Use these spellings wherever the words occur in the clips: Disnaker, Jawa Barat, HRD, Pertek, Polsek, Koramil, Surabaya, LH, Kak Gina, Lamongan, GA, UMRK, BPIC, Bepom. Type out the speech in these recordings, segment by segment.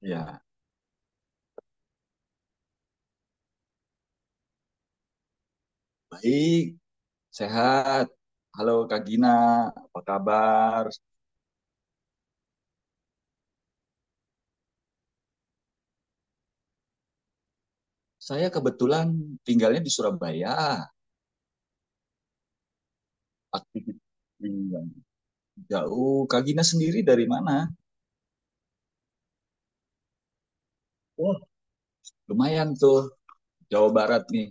Ya, baik, sehat. Halo Kak Gina, apa kabar? Saya kebetulan tinggalnya di Surabaya, aktivitas yang jauh. Kak Gina sendiri dari mana? Wah, lumayan tuh, Jawa Barat nih.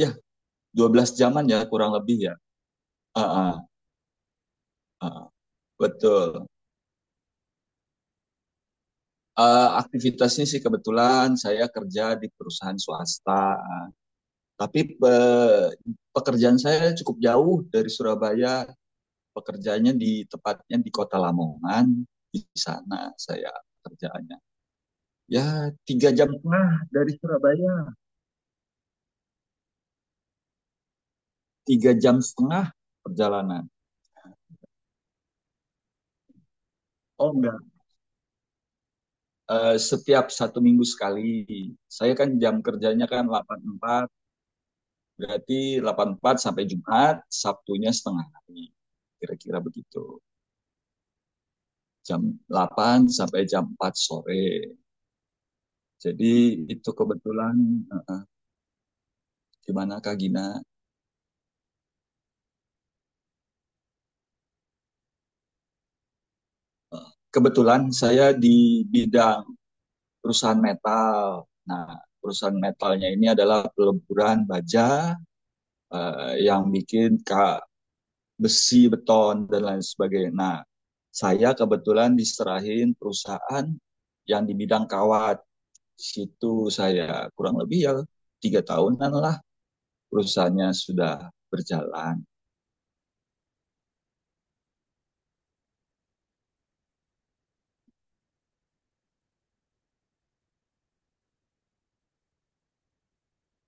Ya, 12 jaman ya kurang lebih ya. Ah, ah, ah, betul. Aktivitasnya sih kebetulan saya kerja di perusahaan swasta, tapi pekerjaan saya cukup jauh dari Surabaya. Pekerjaannya di tepatnya di kota Lamongan, di sana saya kerjaannya ya tiga jam setengah dari Surabaya, tiga jam setengah perjalanan. Oh enggak. Setiap satu minggu sekali saya kan jam kerjanya kan delapan empat, berarti delapan empat sampai Jumat Sabtunya setengah hari, kira-kira begitu. Jam 8 sampai jam 4 sore, jadi itu kebetulan eh, gimana Kak Gina? Kebetulan saya di bidang perusahaan metal. Nah, perusahaan metalnya ini adalah peleburan baja, yang bikin besi, beton, dan lain sebagainya. Nah, saya kebetulan diserahin perusahaan yang di bidang kawat. Situ saya kurang lebih ya tiga tahunan lah perusahaannya sudah berjalan.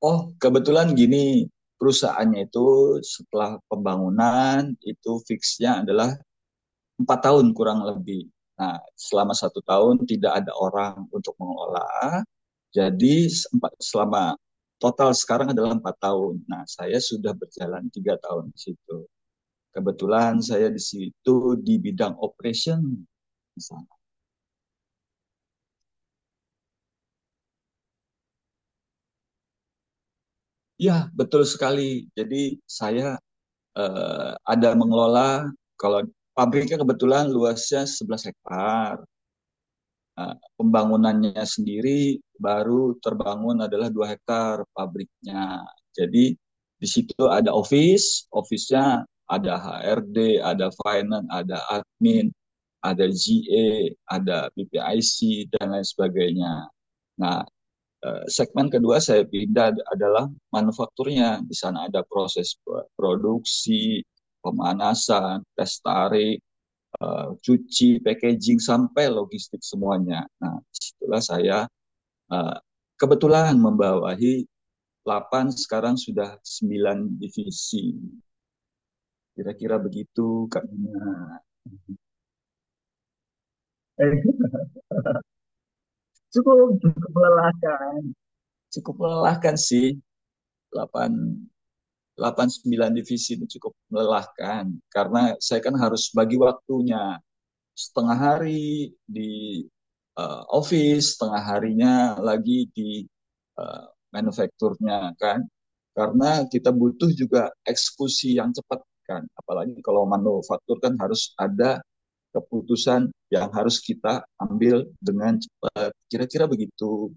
Oh, kebetulan gini, perusahaannya itu setelah pembangunan itu fixnya adalah 4 tahun kurang lebih. Nah, selama satu tahun tidak ada orang untuk mengelola. Jadi selama total sekarang adalah 4 tahun. Nah, saya sudah berjalan 3 tahun di situ. Kebetulan saya di situ di bidang operation di sana. Ya, betul sekali. Jadi saya ada mengelola, kalau pabriknya kebetulan luasnya 11 hektar. Nah, pembangunannya sendiri baru terbangun adalah 2 hektar pabriknya. Jadi di situ ada office, office-nya ada HRD, ada finance, ada admin, ada GA, ada BPIC dan lain sebagainya. Nah, segmen kedua saya pindah adalah manufakturnya. Di sana ada proses produksi, pemanasan, tes tarik, cuci, packaging, sampai logistik semuanya. Nah, setelah saya uh, kebetulan membawahi 8 sekarang sudah 9 divisi. Kira-kira begitu, Kak Bina. Eh, Cukup, cukup melelahkan. Cukup melelahkan sih, delapan delapan sembilan divisi itu cukup melelahkan karena saya kan harus bagi waktunya setengah hari di office, setengah harinya lagi di eh, manufakturnya kan. Karena kita butuh juga eksekusi yang cepat kan. Apalagi kalau manufaktur kan harus ada keputusan yang harus kita ambil dengan cepat. Kira-kira begitu.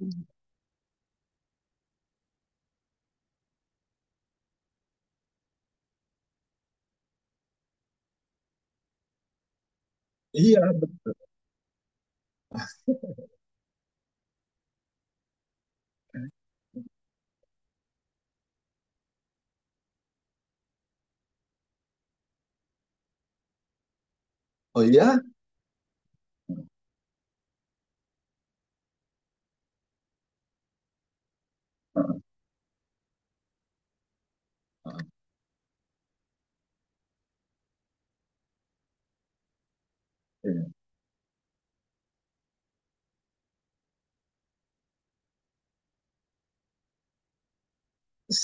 Iya. Oh iya.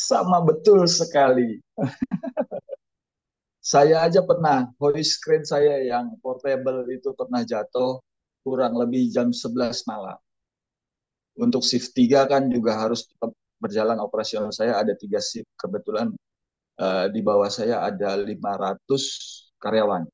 Sama betul sekali. Saya aja pernah, hoist crane saya yang portable itu pernah jatuh kurang lebih jam 11 malam. Untuk shift 3 kan juga harus tetap berjalan operasional, saya ada tiga shift. Kebetulan di bawah saya ada 500 karyawan.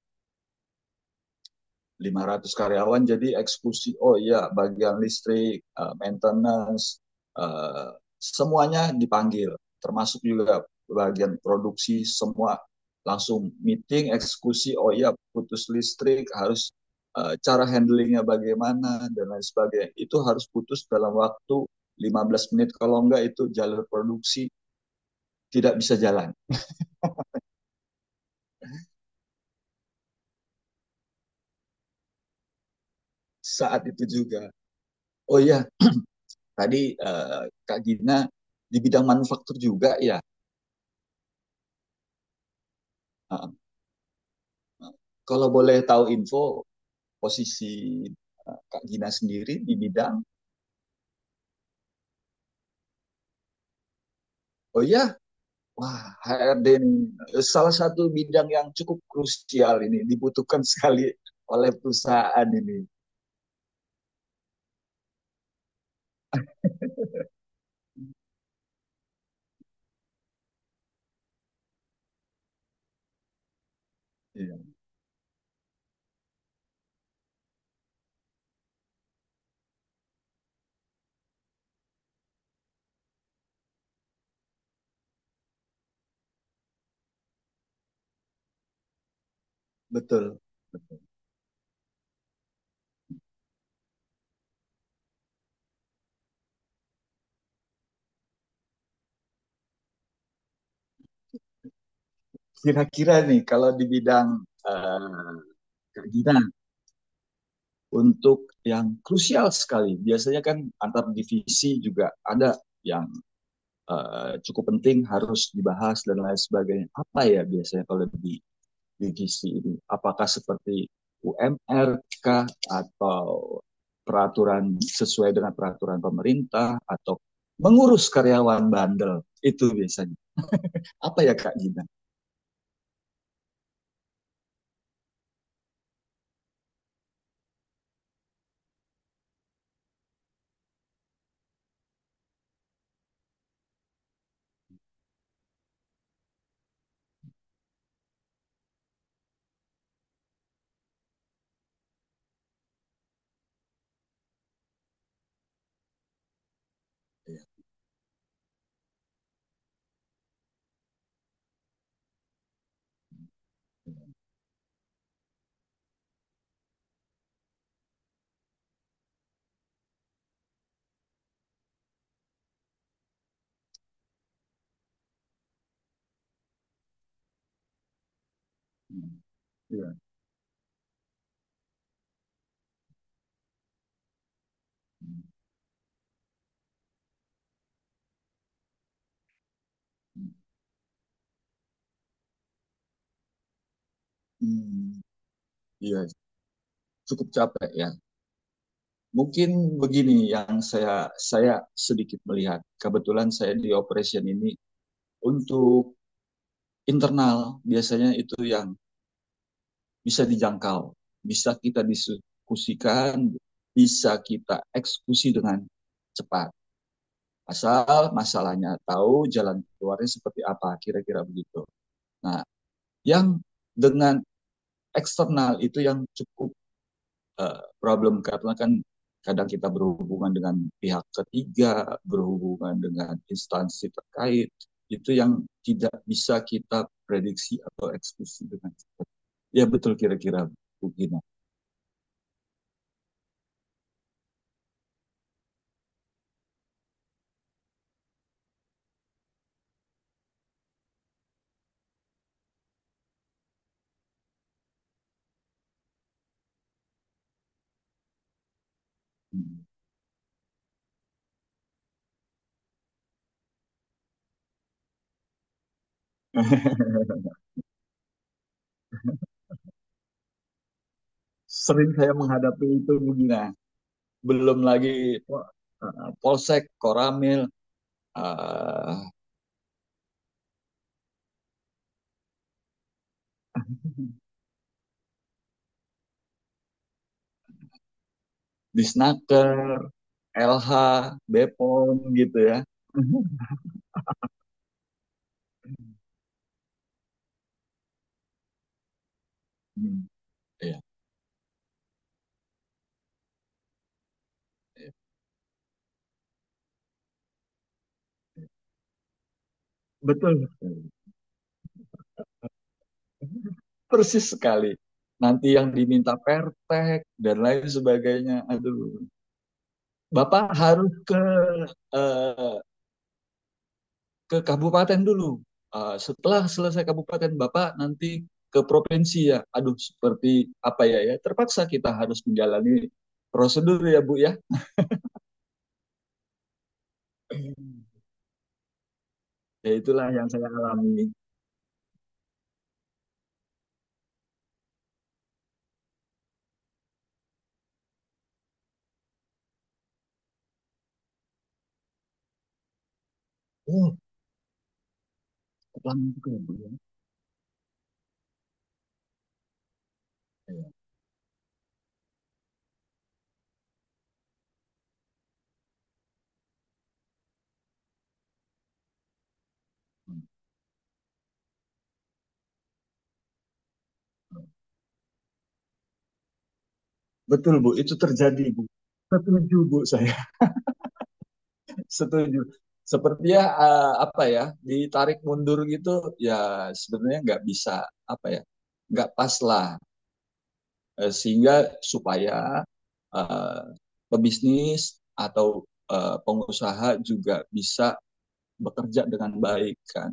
500 karyawan, jadi eksekusi oh iya bagian listrik, maintenance, eh, semuanya dipanggil, termasuk juga bagian produksi semua langsung meeting eksekusi oh iya putus listrik harus cara handlingnya bagaimana dan lain sebagainya. Itu harus putus dalam waktu 15 menit, kalau enggak itu jalur produksi tidak bisa jalan saat itu juga. Oh iya tadi Kak Gina di bidang manufaktur juga ya. Kalau boleh tahu info posisi Kak Gina sendiri di bidang, oh iya, wah HRD ini salah satu bidang yang cukup krusial ini, dibutuhkan sekali oleh perusahaan ini. Iya, betul. Kira-kira nih kalau di bidang eh, Kak Gina, untuk yang krusial sekali, biasanya kan antar divisi juga ada yang cukup penting harus dibahas dan lain sebagainya. Apa ya biasanya kalau di gizi ini? Apakah seperti UMRK atau peraturan sesuai dengan peraturan pemerintah atau mengurus karyawan bandel, itu biasanya apa ya Kak Gina? Ya, iya, hmm, iya, cukup capek ya. Mungkin begini yang saya sedikit melihat. Kebetulan saya di operation ini untuk internal biasanya itu yang bisa dijangkau, bisa kita diskusikan, bisa kita eksekusi dengan cepat. Asal masalahnya tahu jalan keluarnya seperti apa, kira-kira begitu. Nah, yang dengan eksternal itu yang cukup problem, karena kan kadang kita berhubungan dengan pihak ketiga, berhubungan dengan instansi terkait, itu yang tidak bisa kita prediksi atau eksekusi dengan cepat. Ya betul kira-kira mungkin. Hmm. Sering saya menghadapi itu Gina. Belum lagi Polsek, Koramil, eh, Disnaker, LH, Bepom gitu ya. Hmm, iya, iya. Betul. Persis sekali. Nanti yang diminta Pertek dan lain sebagainya. Aduh, Bapak harus eh, ke kabupaten dulu. Setelah selesai kabupaten, Bapak nanti ke provinsi ya. Aduh, seperti apa ya ya? Terpaksa kita harus menjalani prosedur ya, Bu ya. Ya itulah yang saya alami. Oh, lama juga ya, Bu ya. Ya. Betul, Bu. Itu terjadi, Bu. Setuju, Bu. Saya setuju. Sepertinya apa ya, ditarik mundur gitu, ya sebenarnya nggak bisa, apa ya, nggak pas lah. Sehingga supaya eh, pebisnis atau pengusaha juga bisa bekerja dengan baik kan,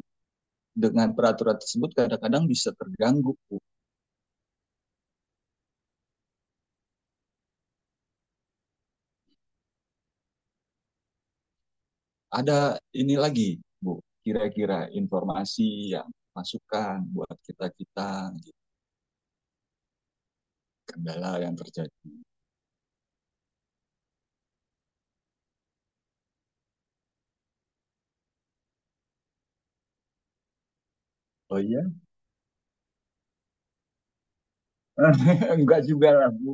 dengan peraturan tersebut kadang-kadang bisa terganggu Bu. Ada ini lagi Bu, kira-kira informasi yang masukan buat kita kita gitu. Kendala yang terjadi, oh iya. Enggak juga lah Bu,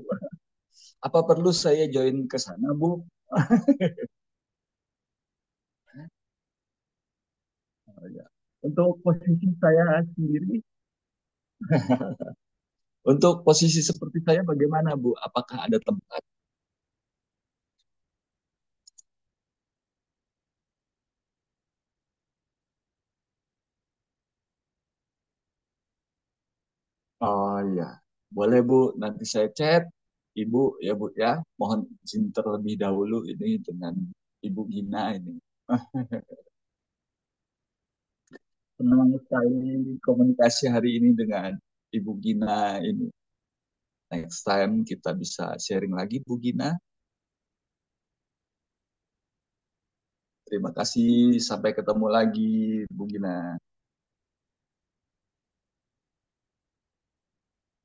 apa perlu saya join ke sana Bu? Oh, ya. Untuk posisi saya sendiri, untuk posisi seperti saya bagaimana, Bu? Apakah ada tempat? Oh iya, boleh Bu. Nanti saya chat Ibu ya Bu ya. Mohon izin terlebih dahulu ini dengan Ibu Gina ini. Ah, senang sekali komunikasi hari ini dengan Ibu Gina ini. Next time kita bisa sharing lagi Bu Gina. Terima kasih. Sampai ketemu lagi Bu Gina.